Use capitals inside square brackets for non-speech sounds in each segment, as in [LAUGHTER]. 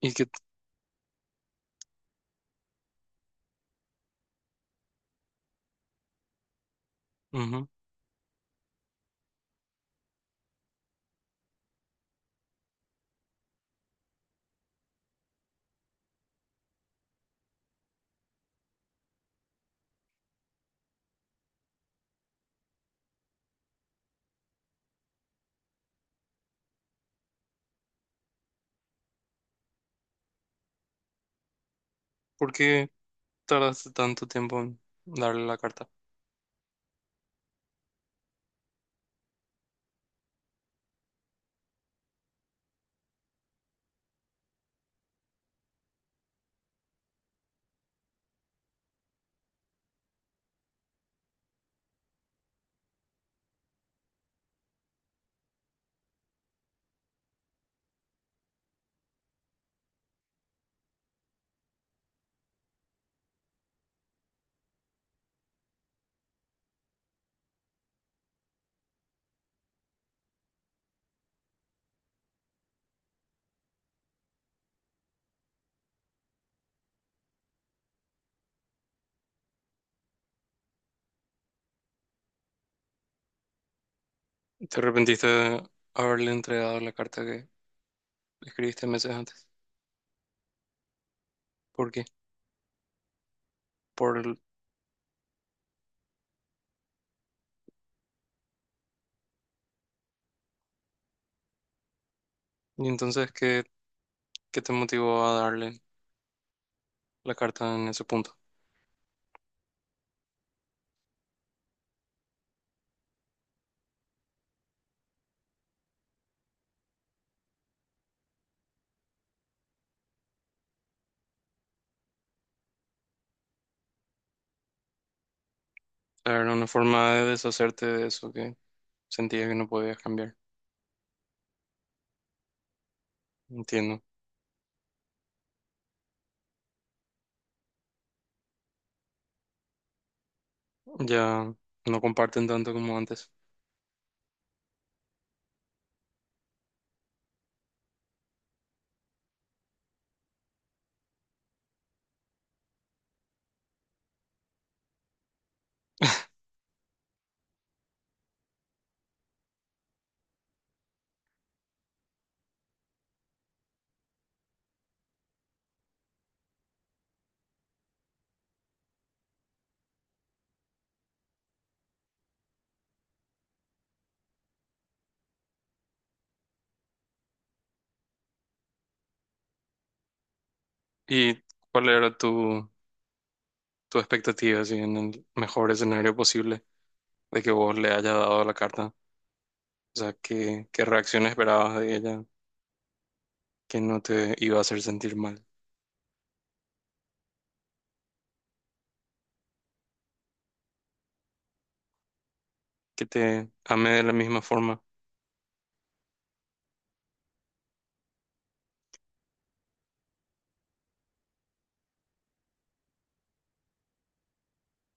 ¿Y qué? Ujú. ¿Por qué tardaste tanto tiempo en darle la carta? ¿Te arrepentiste de haberle entregado la carta que escribiste meses antes? ¿Por qué? Por el- ¿Y entonces qué te motivó a darle la carta en ese punto? Era una forma de deshacerte de eso que sentías que no podías cambiar. Entiendo. Ya no comparten tanto como antes. [LAUGHS] ¿Y cuál era tu expectativa, así, en el mejor escenario posible de que vos le hayas dado la carta? O sea, ¿qué reacción esperabas de ella que no te iba a hacer sentir mal? Que te ame de la misma forma.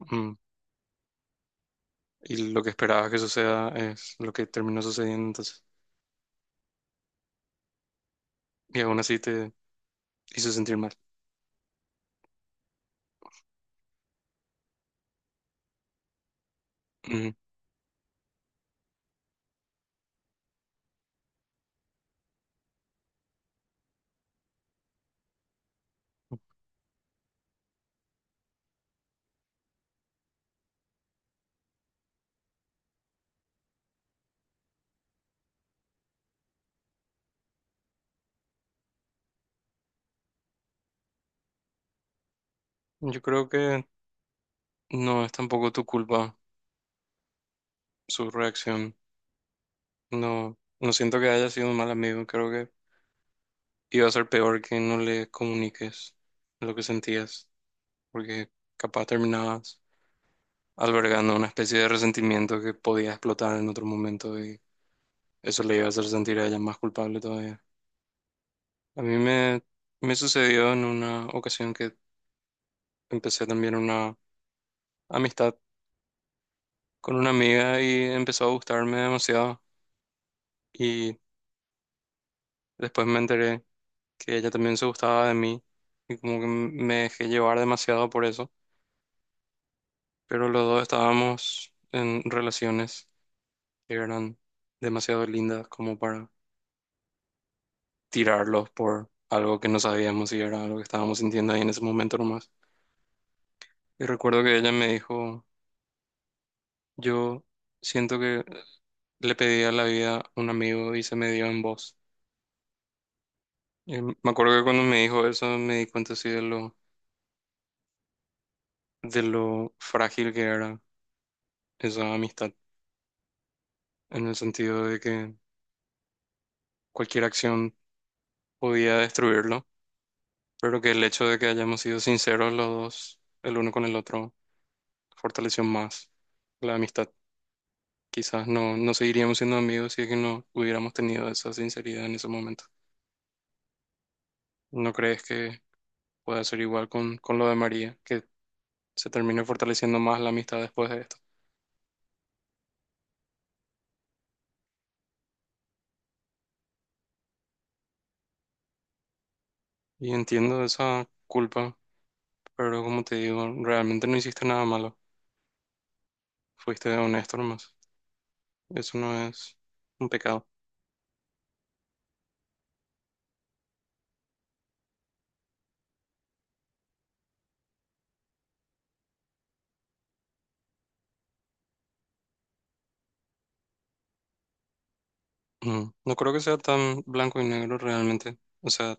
Mm. Y lo que esperabas que suceda es lo que terminó sucediendo entonces. Y aún así te hizo sentir mal. Mm. Yo creo que no es tampoco tu culpa su reacción. No, no siento que haya sido un mal amigo. Creo que iba a ser peor que no le comuniques lo que sentías. Porque capaz terminabas albergando una especie de resentimiento que podía explotar en otro momento. Eso le iba a hacer sentir a ella más culpable todavía. A mí me, me sucedió en una ocasión que empecé también una amistad con una amiga y empezó a gustarme demasiado. Y después me enteré que ella también se gustaba de mí y como que me dejé llevar demasiado por eso. Pero los dos estábamos en relaciones que eran demasiado lindas como para tirarlos por algo que no sabíamos y era algo que estábamos sintiendo ahí en ese momento nomás. Y recuerdo que ella me dijo... Yo siento que le pedí a la vida a un amigo y se me dio en voz. Y me acuerdo que cuando me dijo eso me di cuenta así de de lo frágil que era esa amistad, en el sentido de que cualquier acción podía destruirlo, pero que el hecho de que hayamos sido sinceros los dos, el uno con el otro, fortaleció más la amistad. Quizás no seguiríamos siendo amigos si es que no hubiéramos tenido esa sinceridad en ese momento. ¿No crees que pueda ser igual con lo de María? Que se termine fortaleciendo más la amistad después de esto. Y entiendo esa culpa, pero como te digo, realmente no hiciste nada malo. Fuiste honesto nomás. Eso no es un pecado. Ujú. No creo que sea tan blanco y negro realmente. O sea,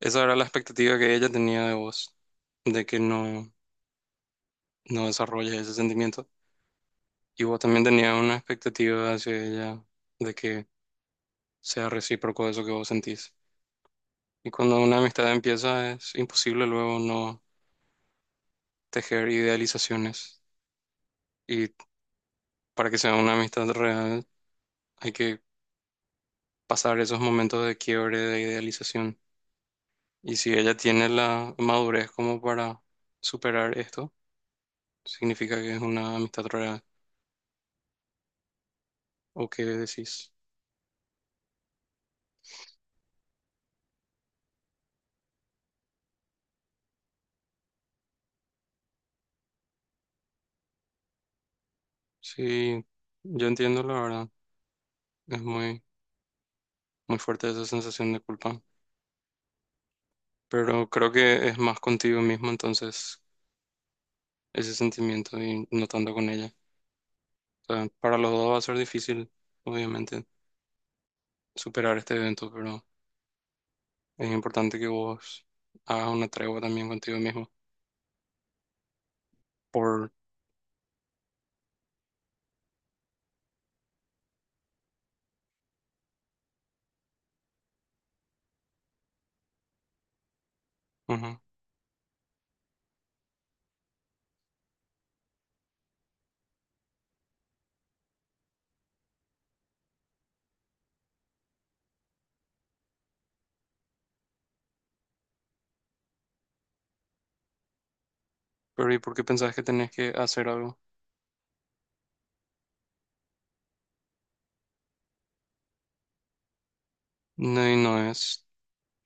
esa era la expectativa que ella tenía de vos, de que no desarrolles ese sentimiento. Y vos también tenías una expectativa hacia ella de que sea recíproco eso que vos sentís. Y cuando una amistad empieza es imposible luego no tejer idealizaciones. Y para que sea una amistad real, hay que pasar esos momentos de quiebre, de idealización. Y si ella tiene la madurez como para superar esto, significa que es una amistad real. ¿O qué decís? Sí, yo entiendo la verdad. Es muy fuerte esa sensación de culpa. Pero creo que es más contigo mismo entonces ese sentimiento y no tanto con ella. O sea, para los dos va a ser difícil, obviamente, superar este evento, pero... Es importante que vos hagas una tregua también contigo mismo. Por, ujú. Pero ¿y por qué pensás que tenés que hacer algo? No, y no es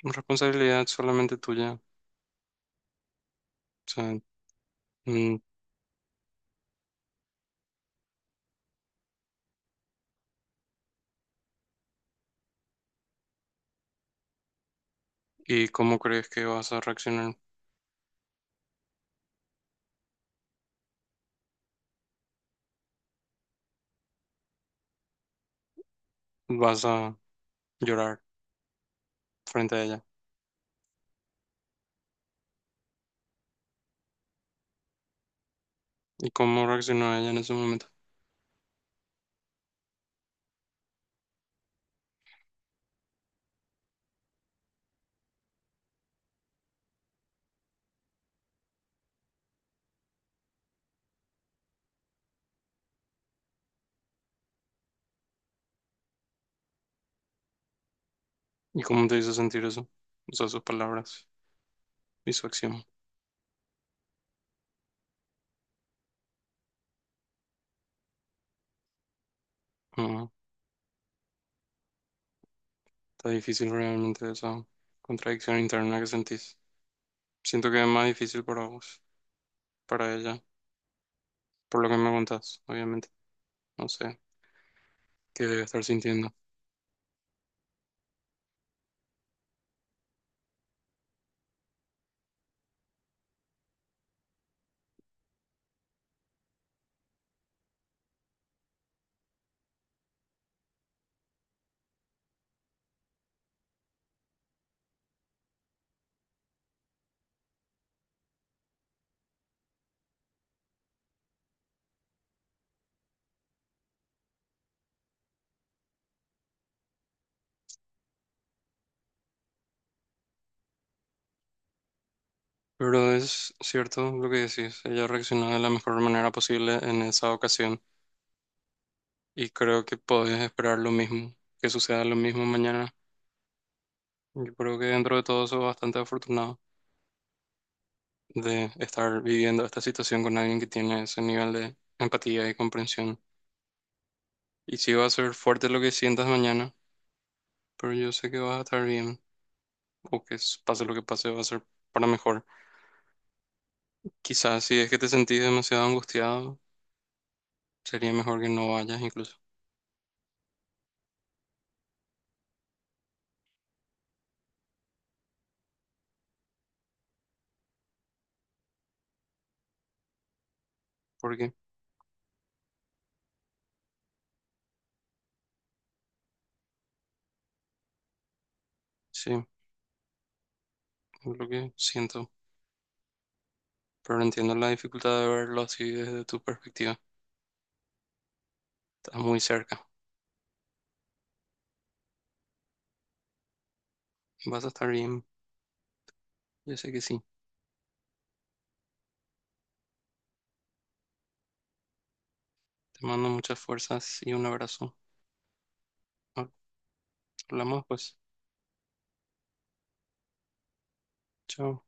responsabilidad solamente tuya. O sea, mm, ¿y cómo crees que vas a reaccionar? ¿Vas a llorar frente a ella? ¿Y cómo reaccionó ella en ese momento? ¿Y cómo te hizo sentir eso? O sea, sus palabras y su acción. Ujú. Está difícil realmente esa contradicción interna que sentís. Siento que es más difícil para vos, para ella, por lo que me contás, obviamente. No sé qué debe estar sintiendo. Pero es cierto lo que decís, ella reaccionó de la mejor manera posible en esa ocasión y creo que podés esperar lo mismo, que suceda lo mismo mañana. Yo creo que dentro de todo soy bastante afortunado de estar viviendo esta situación con alguien que tiene ese nivel de empatía y comprensión. Y sí va a ser fuerte lo que sientas mañana, pero yo sé que vas a estar bien o que pase lo que pase va a ser para mejor. Quizás si es que te sentís demasiado angustiado, sería mejor que no vayas incluso. Porque sí, es lo que siento. Pero no entiendo la dificultad de verlo así desde tu perspectiva. Estás muy cerca. Vas a estar bien. Yo sé que sí. Te mando muchas fuerzas y un abrazo. Hablamos pues. Chao.